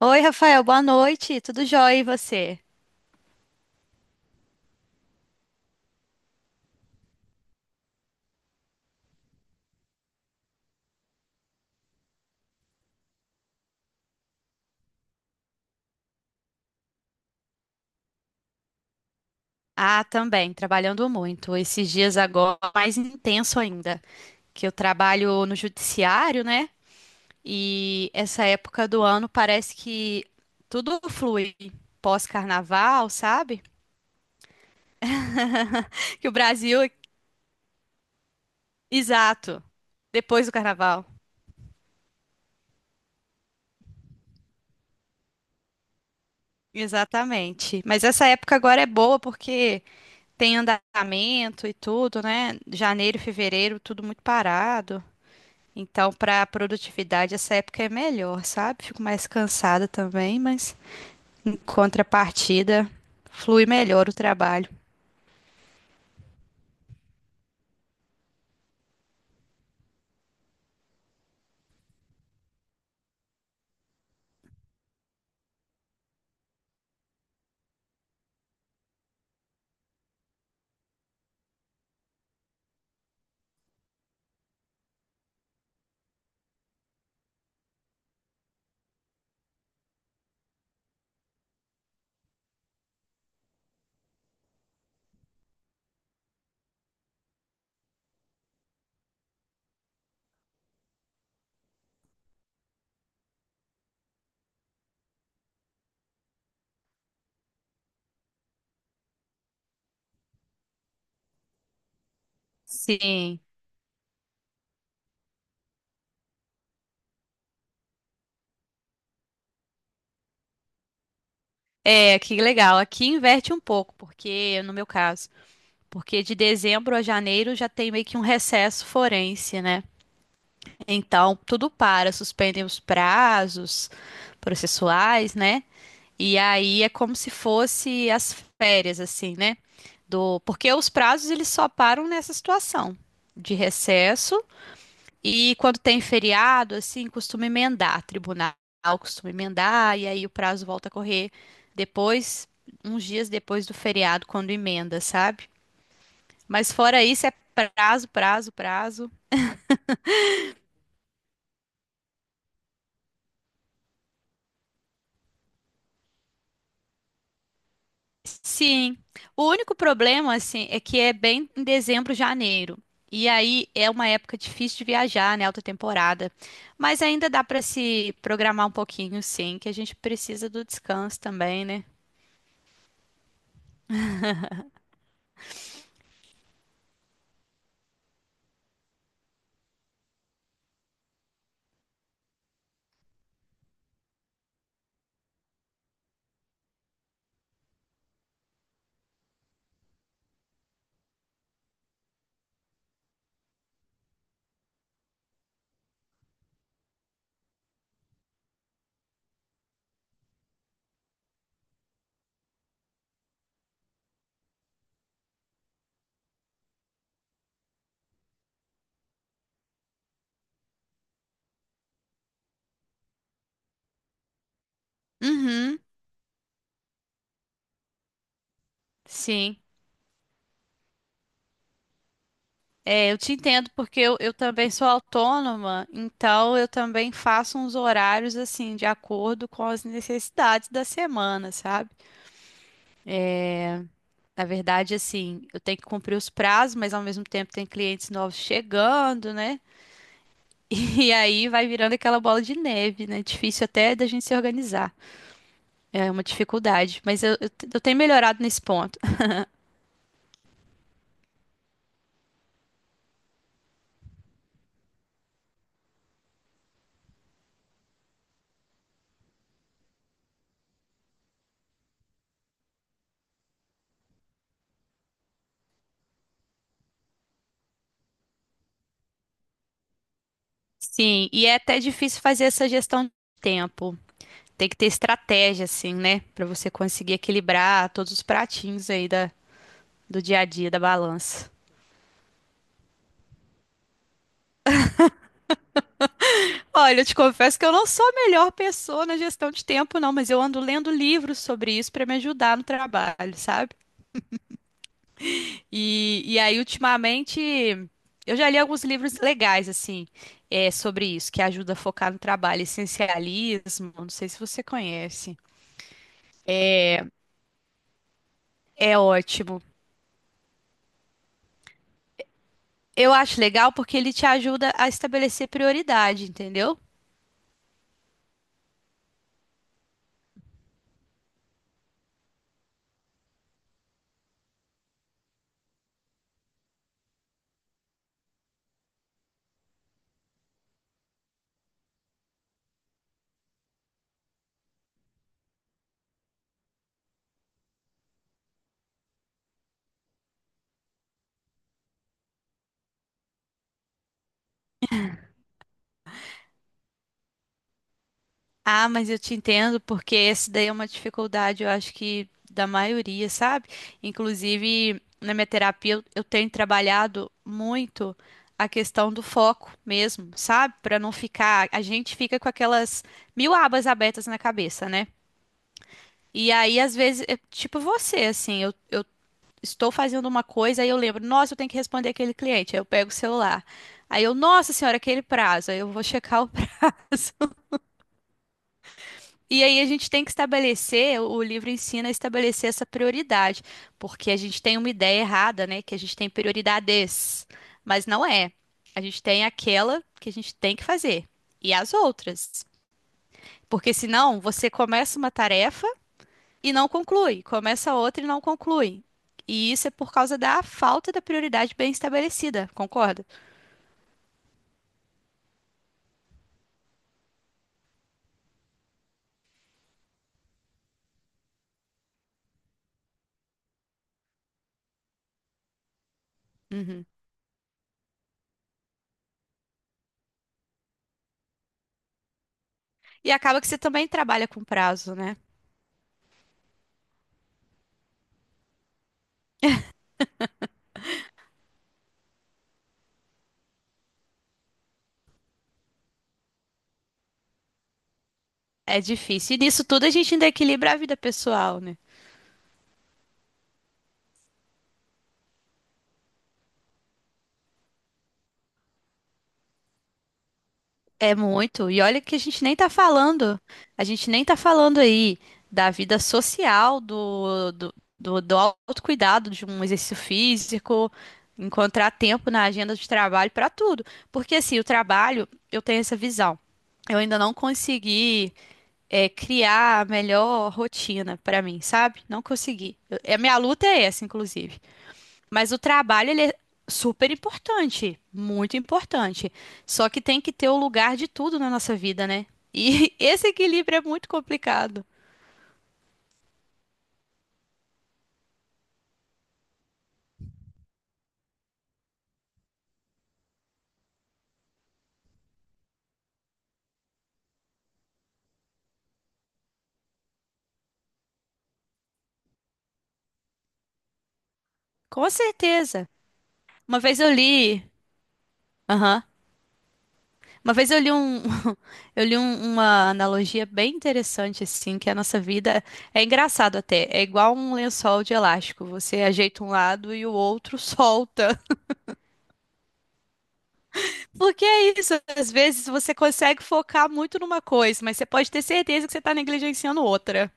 Oi, Rafael, boa noite. Tudo jóia e você? Ah, também, trabalhando muito. Esses dias agora, mais intenso ainda, que eu trabalho no judiciário, né? E essa época do ano parece que tudo flui pós-carnaval, sabe? Que o Brasil, exato, depois do carnaval. Exatamente. Mas essa época agora é boa porque tem andamento e tudo, né? Janeiro, fevereiro, tudo muito parado. Então, para produtividade, essa época é melhor, sabe? Fico mais cansada também, mas em contrapartida, flui melhor o trabalho. Sim, é, que legal. Aqui inverte um pouco, porque no meu caso, porque de dezembro a janeiro já tem meio que um recesso forense, né? Então, tudo para, suspendem os prazos processuais, né? E aí é como se fosse as férias, assim, né? Do... Porque os prazos eles só param nessa situação de recesso e quando tem feriado, assim, costuma emendar, tribunal costuma emendar e aí o prazo volta a correr depois, uns dias depois do feriado, quando emenda, sabe? Mas fora isso é prazo, prazo, prazo. Sim. O único problema, assim, é que é bem em dezembro, janeiro. E aí é uma época difícil de viajar, né? Alta temporada. Mas ainda dá para se programar um pouquinho, sim, que a gente precisa do descanso também, né? Uhum, sim. É, eu te entendo porque eu também sou autônoma, então eu também faço uns horários assim, de acordo com as necessidades da semana, sabe? Na verdade, assim, eu tenho que cumprir os prazos, mas ao mesmo tempo tem clientes novos chegando, né? E aí vai virando aquela bola de neve, né? Difícil até da gente se organizar. É uma dificuldade, mas eu tenho melhorado nesse ponto. Sim, e é até difícil fazer essa gestão de tempo. Tem que ter estratégia, assim, né? Pra você conseguir equilibrar todos os pratinhos aí da, do dia a dia, da balança. Olha, eu te confesso que eu não sou a melhor pessoa na gestão de tempo, não, mas eu ando lendo livros sobre isso para me ajudar no trabalho, sabe? E aí, ultimamente, eu já li alguns livros legais, assim, é, sobre isso, que ajuda a focar no trabalho. Essencialismo, não sei se você conhece. É ótimo. Eu acho legal porque ele te ajuda a estabelecer prioridade, entendeu? Ah, mas eu te entendo, porque essa daí é uma dificuldade, eu acho que da maioria, sabe? Inclusive, na minha terapia, eu tenho trabalhado muito a questão do foco mesmo, sabe? Pra não ficar. A gente fica com aquelas mil abas abertas na cabeça, né? E aí, às vezes, é tipo você, assim, eu estou fazendo uma coisa, aí eu lembro, nossa, eu tenho que responder aquele cliente, aí eu pego o celular. Aí eu, nossa senhora, aquele prazo, aí eu vou checar o prazo. E aí a gente tem que estabelecer, o livro ensina a estabelecer essa prioridade, porque a gente tem uma ideia errada, né? Que a gente tem prioridades, mas não é. A gente tem aquela que a gente tem que fazer e as outras. Porque senão você começa uma tarefa e não conclui, começa outra e não conclui. E isso é por causa da falta da prioridade bem estabelecida, concorda? Uhum. E acaba que você também trabalha com prazo, né? É difícil. E nisso tudo a gente ainda equilibra a vida pessoal, né? É muito. E olha que a gente nem tá falando. A gente nem tá falando aí da vida social, do autocuidado, de um exercício físico, encontrar tempo na agenda de trabalho para tudo. Porque assim, o trabalho, eu tenho essa visão. Eu ainda não consegui, é, criar a melhor rotina para mim, sabe? Não consegui. Eu- a minha luta é essa, inclusive. Mas o trabalho, ele é super importante, muito importante. Só que tem que ter o lugar de tudo na nossa vida, né? E esse equilíbrio é muito complicado. Com certeza. Uma vez eu li, aham. Uma vez eu li um, eu li um- uma analogia bem interessante assim, que a nossa vida é engraçado até, é igual um lençol de elástico, você ajeita um lado e o outro solta. Porque é isso, às vezes você consegue focar muito numa coisa, mas você pode ter certeza que você está negligenciando outra.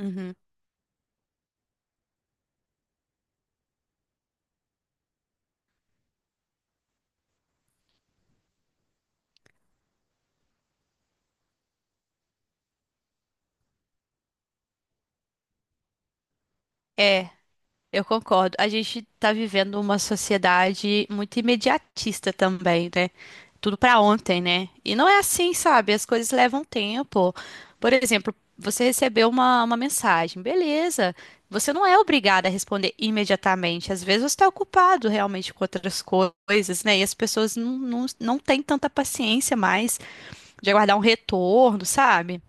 Uhum. É, eu concordo. A gente tá vivendo uma sociedade muito imediatista também, né? Tudo pra ontem, né? E não é assim, sabe? As coisas levam tempo. Por exemplo, você recebeu uma mensagem, beleza. Você não é obrigada a responder imediatamente. Às vezes você está ocupado realmente com outras coisas, né? E as pessoas não, não, não têm tanta paciência mais. De aguardar um retorno, sabe?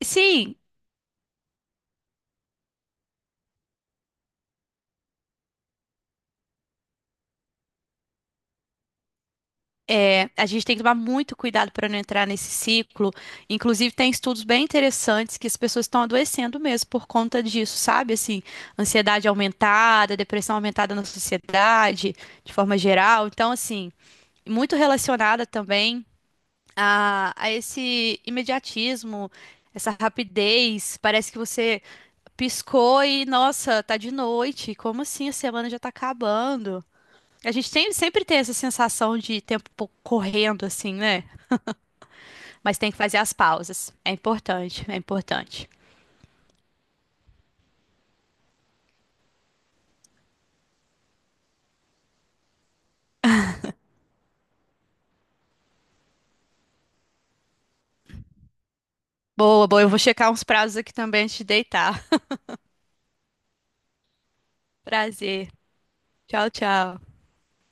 E sim, é, a gente tem que tomar muito cuidado para não entrar nesse ciclo. Inclusive, tem estudos bem interessantes que as pessoas estão adoecendo mesmo por conta disso, sabe? Assim, ansiedade aumentada, depressão aumentada na sociedade, de forma geral. Então, assim, muito relacionada também a esse imediatismo, essa rapidez. Parece que você piscou e, nossa, tá de noite. Como assim? A semana já tá acabando. A gente tem, sempre tem essa sensação de correndo, assim, né? Mas tem que fazer as pausas. É importante, é importante. Boa, boa. Eu vou checar uns prazos aqui também antes de deitar. Prazer. Tchau, tchau.